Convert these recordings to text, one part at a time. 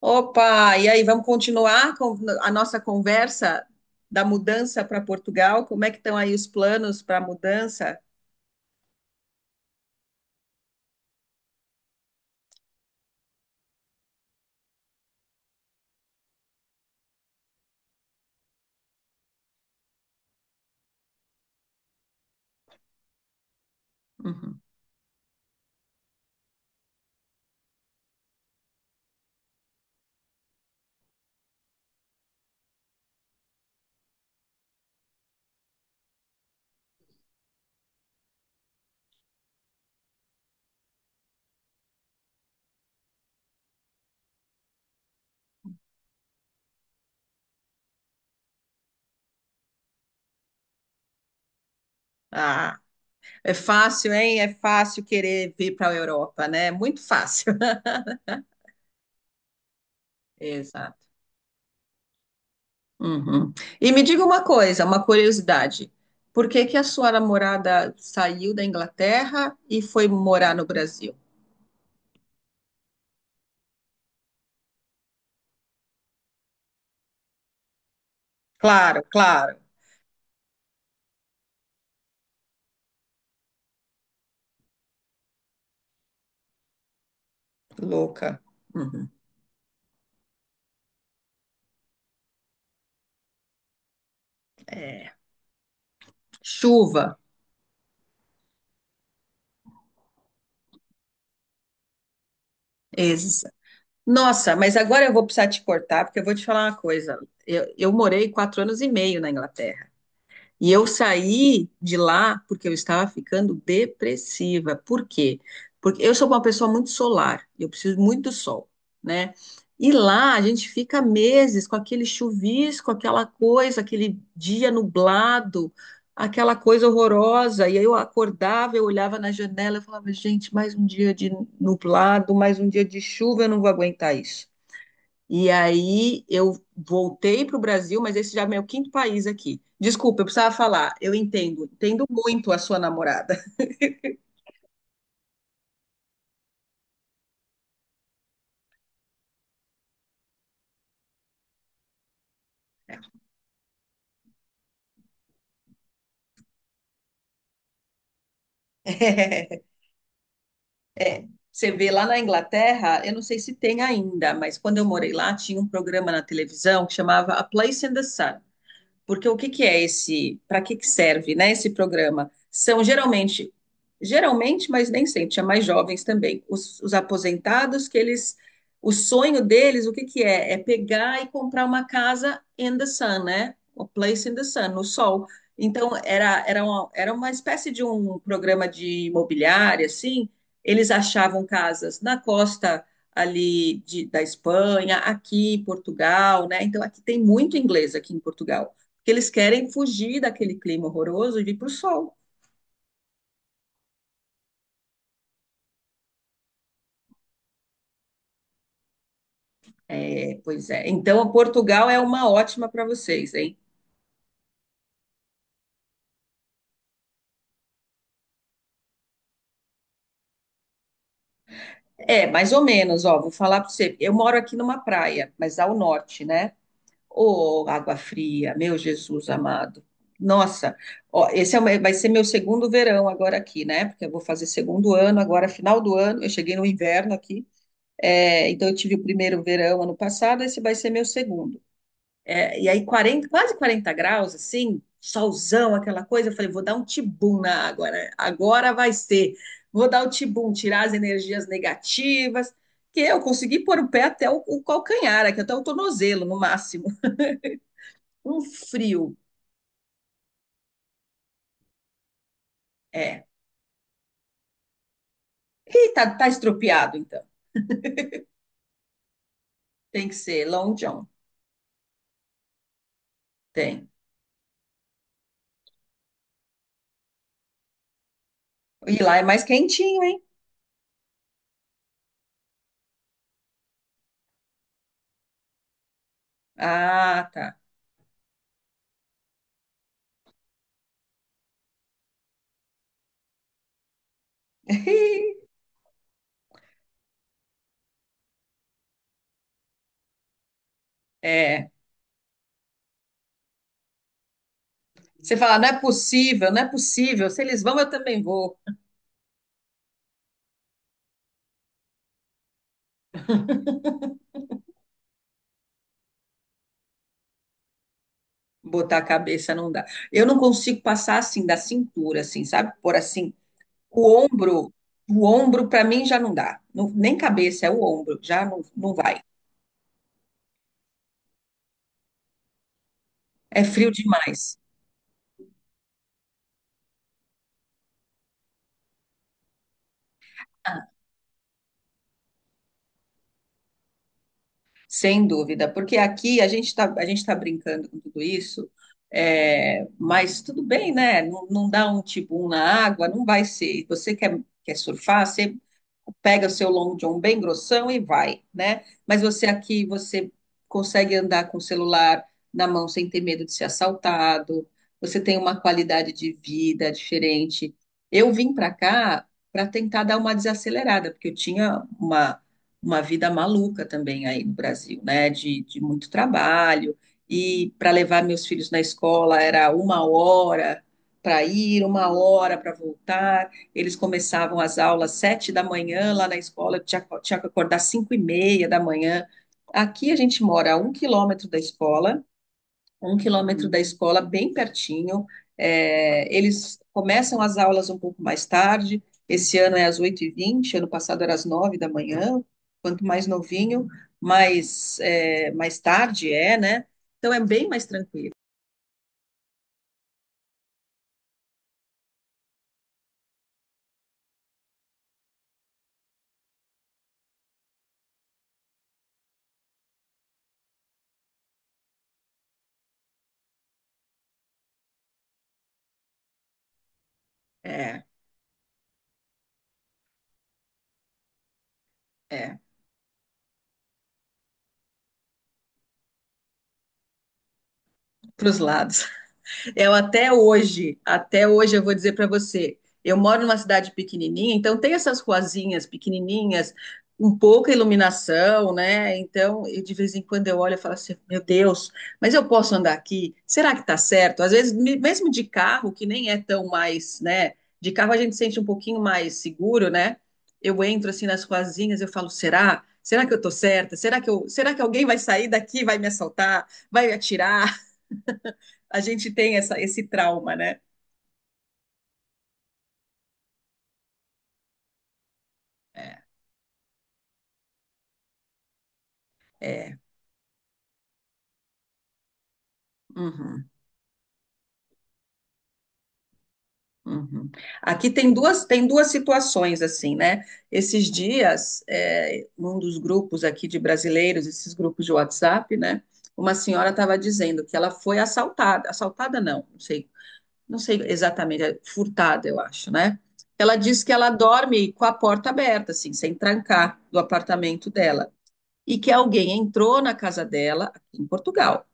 Opa, e aí, vamos continuar com a nossa conversa da mudança para Portugal? Como é que estão aí os planos para a mudança? Uhum. Ah, é fácil, hein? É fácil querer vir para a Europa, né? Muito fácil. Exato. Uhum. E me diga uma coisa, uma curiosidade. Por que que a sua namorada saiu da Inglaterra e foi morar no Brasil? Claro, claro. Louca. Uhum. É. Chuva. Nossa, mas agora eu vou precisar te cortar, porque eu vou te falar uma coisa. Eu morei 4 anos e meio na Inglaterra. E eu saí de lá porque eu estava ficando depressiva. Por quê? Porque eu sou uma pessoa muito solar, eu preciso muito do sol, né? E lá a gente fica meses com aquele chuvisco, aquela coisa, aquele dia nublado, aquela coisa horrorosa. E aí eu acordava, eu olhava na janela, e falava, gente, mais um dia de nublado, mais um dia de chuva, eu não vou aguentar isso. E aí eu voltei para o Brasil, mas esse já é meu quinto país aqui. Desculpa, eu precisava falar. Eu entendo, entendo muito a sua namorada. Você vê lá na Inglaterra, eu não sei se tem ainda, mas quando eu morei lá, tinha um programa na televisão que chamava A Place in the Sun. Porque o que que é esse, para que que serve, né, esse programa? São geralmente, mas nem sempre, tinha mais jovens também, os aposentados que eles, o sonho deles, o que que é? É pegar e comprar uma casa in the sun, né? A place in the sun, no sol. Então, era uma espécie de um programa de imobiliária, assim, eles achavam casas na costa ali de- da Espanha, aqui em Portugal, né? Então, aqui tem muito inglês aqui em Portugal que eles querem fugir daquele clima horroroso e vir para o sol. É, pois é. Então, Portugal é uma ótima para vocês, hein? É, mais ou menos, ó, vou falar para você. Eu moro aqui numa praia, mas ao norte, né? Ô, água fria, meu Jesus amado. Nossa, ó, esse é o vai ser meu segundo verão agora aqui, né? Porque eu vou fazer segundo ano agora, final do ano. Eu cheguei no inverno aqui, é, então eu tive o primeiro verão ano passado, esse vai ser meu segundo. É, e aí 40, quase 40 graus, assim, solzão, aquela coisa, eu falei, vou dar um tibum na água, né? Agora vai ser. Vou dar o tibum, tirar as energias negativas, que eu consegui pôr o pé até o calcanhar, aqui até o tornozelo, no máximo. Um frio, é. E tá, tá estropiado, então. Tem que ser Long John, tem. E lá é mais quentinho, hein? Ah, tá. É. Você fala, não é possível, não é possível. Se eles vão, eu também vou. Botar a cabeça não dá. Eu não consigo passar assim da cintura, assim, sabe? Por assim, o ombro, o ombro para mim já não dá. Não- nem cabeça, é o ombro, já não, não vai. É frio demais. Sem dúvida, porque aqui a gente tá brincando com tudo isso, é, mas tudo bem, né? Não, não dá um tibum na água, não vai ser. Você quer surfar, você pega o seu long john bem grossão e vai, né? Mas você aqui, você consegue andar com o celular na mão sem ter medo de ser assaltado, você tem uma qualidade de vida diferente. Eu vim para cá para tentar dar uma desacelerada, porque eu tinha uma vida maluca também aí no Brasil, né? De muito trabalho. E para levar meus filhos na escola era 1 hora para ir, 1 hora para voltar. Eles começavam as aulas 7 da manhã lá na escola, eu tinha que acordar 5h30 da manhã. Aqui a gente mora a 1 km da escola, 1 km da escola, bem pertinho. É, eles começam as aulas um pouco mais tarde. Esse ano é às 8h20 ano passado era às 9 da manhã. Quanto mais novinho, mais, é, mais tarde é, né? Então é bem mais tranquilo. É, é, para os lados. Eu até hoje eu vou dizer para você, eu moro numa cidade pequenininha, então tem essas ruazinhas pequenininhas, um pouca iluminação, né? Então, eu, de vez em quando eu olho e falo assim, meu Deus, mas eu posso andar aqui? Será que tá certo? Às vezes, me- mesmo de carro, que nem é tão mais, né? De carro a gente sente um pouquinho mais seguro, né? Eu entro assim nas ruazinhas, eu falo, será? Será que eu tô certa? Será que eu, será que alguém vai sair daqui, e vai me assaltar, vai me atirar? A gente tem essa, esse trauma, né? É. É. Uhum, uhum. Aqui tem duas situações assim, né? Esses dias, é, um dos grupos aqui de brasileiros, esses grupos de WhatsApp, né? Uma senhora estava dizendo que ela foi assaltada, assaltada não, não sei, não sei exatamente, é furtada, eu acho, né? Ela diz que ela dorme com a porta aberta, assim, sem trancar do apartamento dela, e que alguém entrou na casa dela aqui em Portugal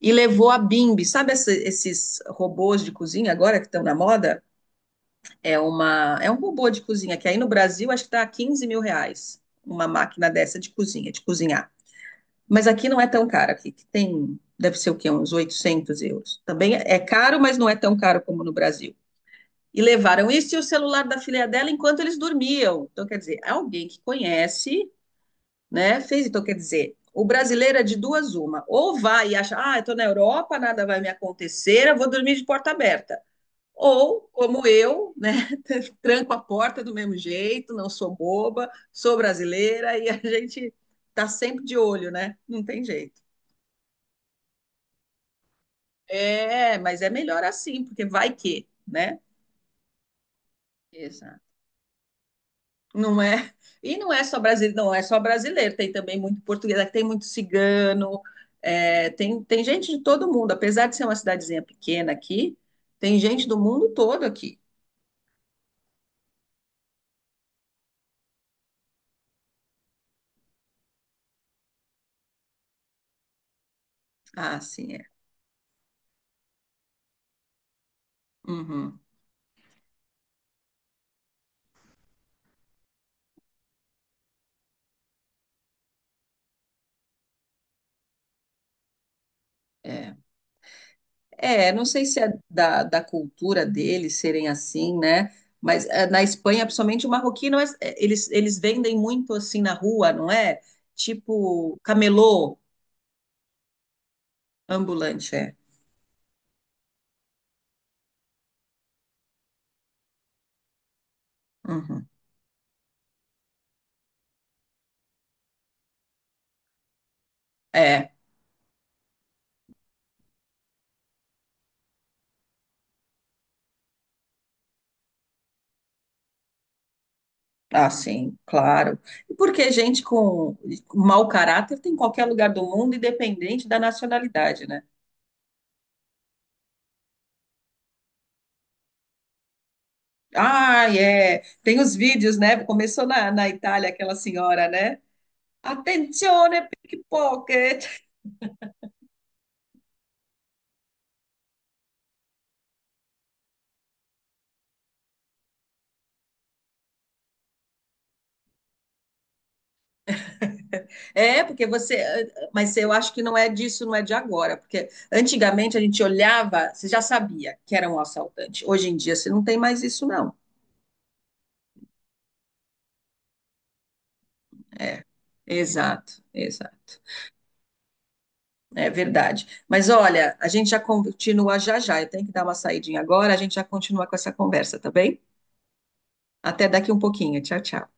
e levou a Bimbi. Sabe essa- esses robôs de cozinha agora que estão na moda? É uma, é um robô de cozinha que aí no Brasil acho que está a R$ 15.000 uma máquina dessa de cozinha, de cozinhar. Mas aqui não é tão caro, aqui que tem, deve ser o quê? Uns 800 euros. Também é caro, mas não é tão caro como no Brasil. E levaram isso e o celular da filha dela enquanto eles dormiam. Então, quer dizer, alguém que conhece né? Fez, então quer dizer, o brasileiro é de duas uma, ou vai e acha, ah, eu estou na Europa, nada vai me acontecer, eu vou dormir de porta aberta. Ou, como eu, né, tranco a porta do mesmo jeito, não sou boba, sou brasileira e a gente tá sempre de olho, né? Não tem jeito. É, mas é melhor assim, porque vai que, né? Exato. Não é? E não é só brasileiro, não é só brasileiro, tem também muito português, aqui tem muito cigano, é, tem gente de todo mundo, apesar de ser uma cidadezinha pequena aqui, tem gente do mundo todo aqui. Ah, sim, é. Uhum, é. É, não sei se é da cultura deles serem assim, né? Mas é, na Espanha, principalmente o marroquino, eles, vendem muito assim na rua, não é? Tipo camelô ambulante, é. Uhum. É. Ah, sim, claro. E porque gente com mau caráter tem em qualquer lugar do mundo, independente da nacionalidade, né? Ah, é. Tem os vídeos, né? Começou na Itália aquela senhora, né? Attenzione, pickpocket. É, porque você. Mas eu acho que não é disso, não é de agora. Porque antigamente a gente olhava, você já sabia que era um assaltante. Hoje em dia você não tem mais isso, não. É, exato, exato. É verdade. Mas olha, a gente já continua já já. Eu tenho que dar uma saidinha agora, a gente já continua com essa conversa, tá bem? Até daqui um pouquinho. Tchau, tchau.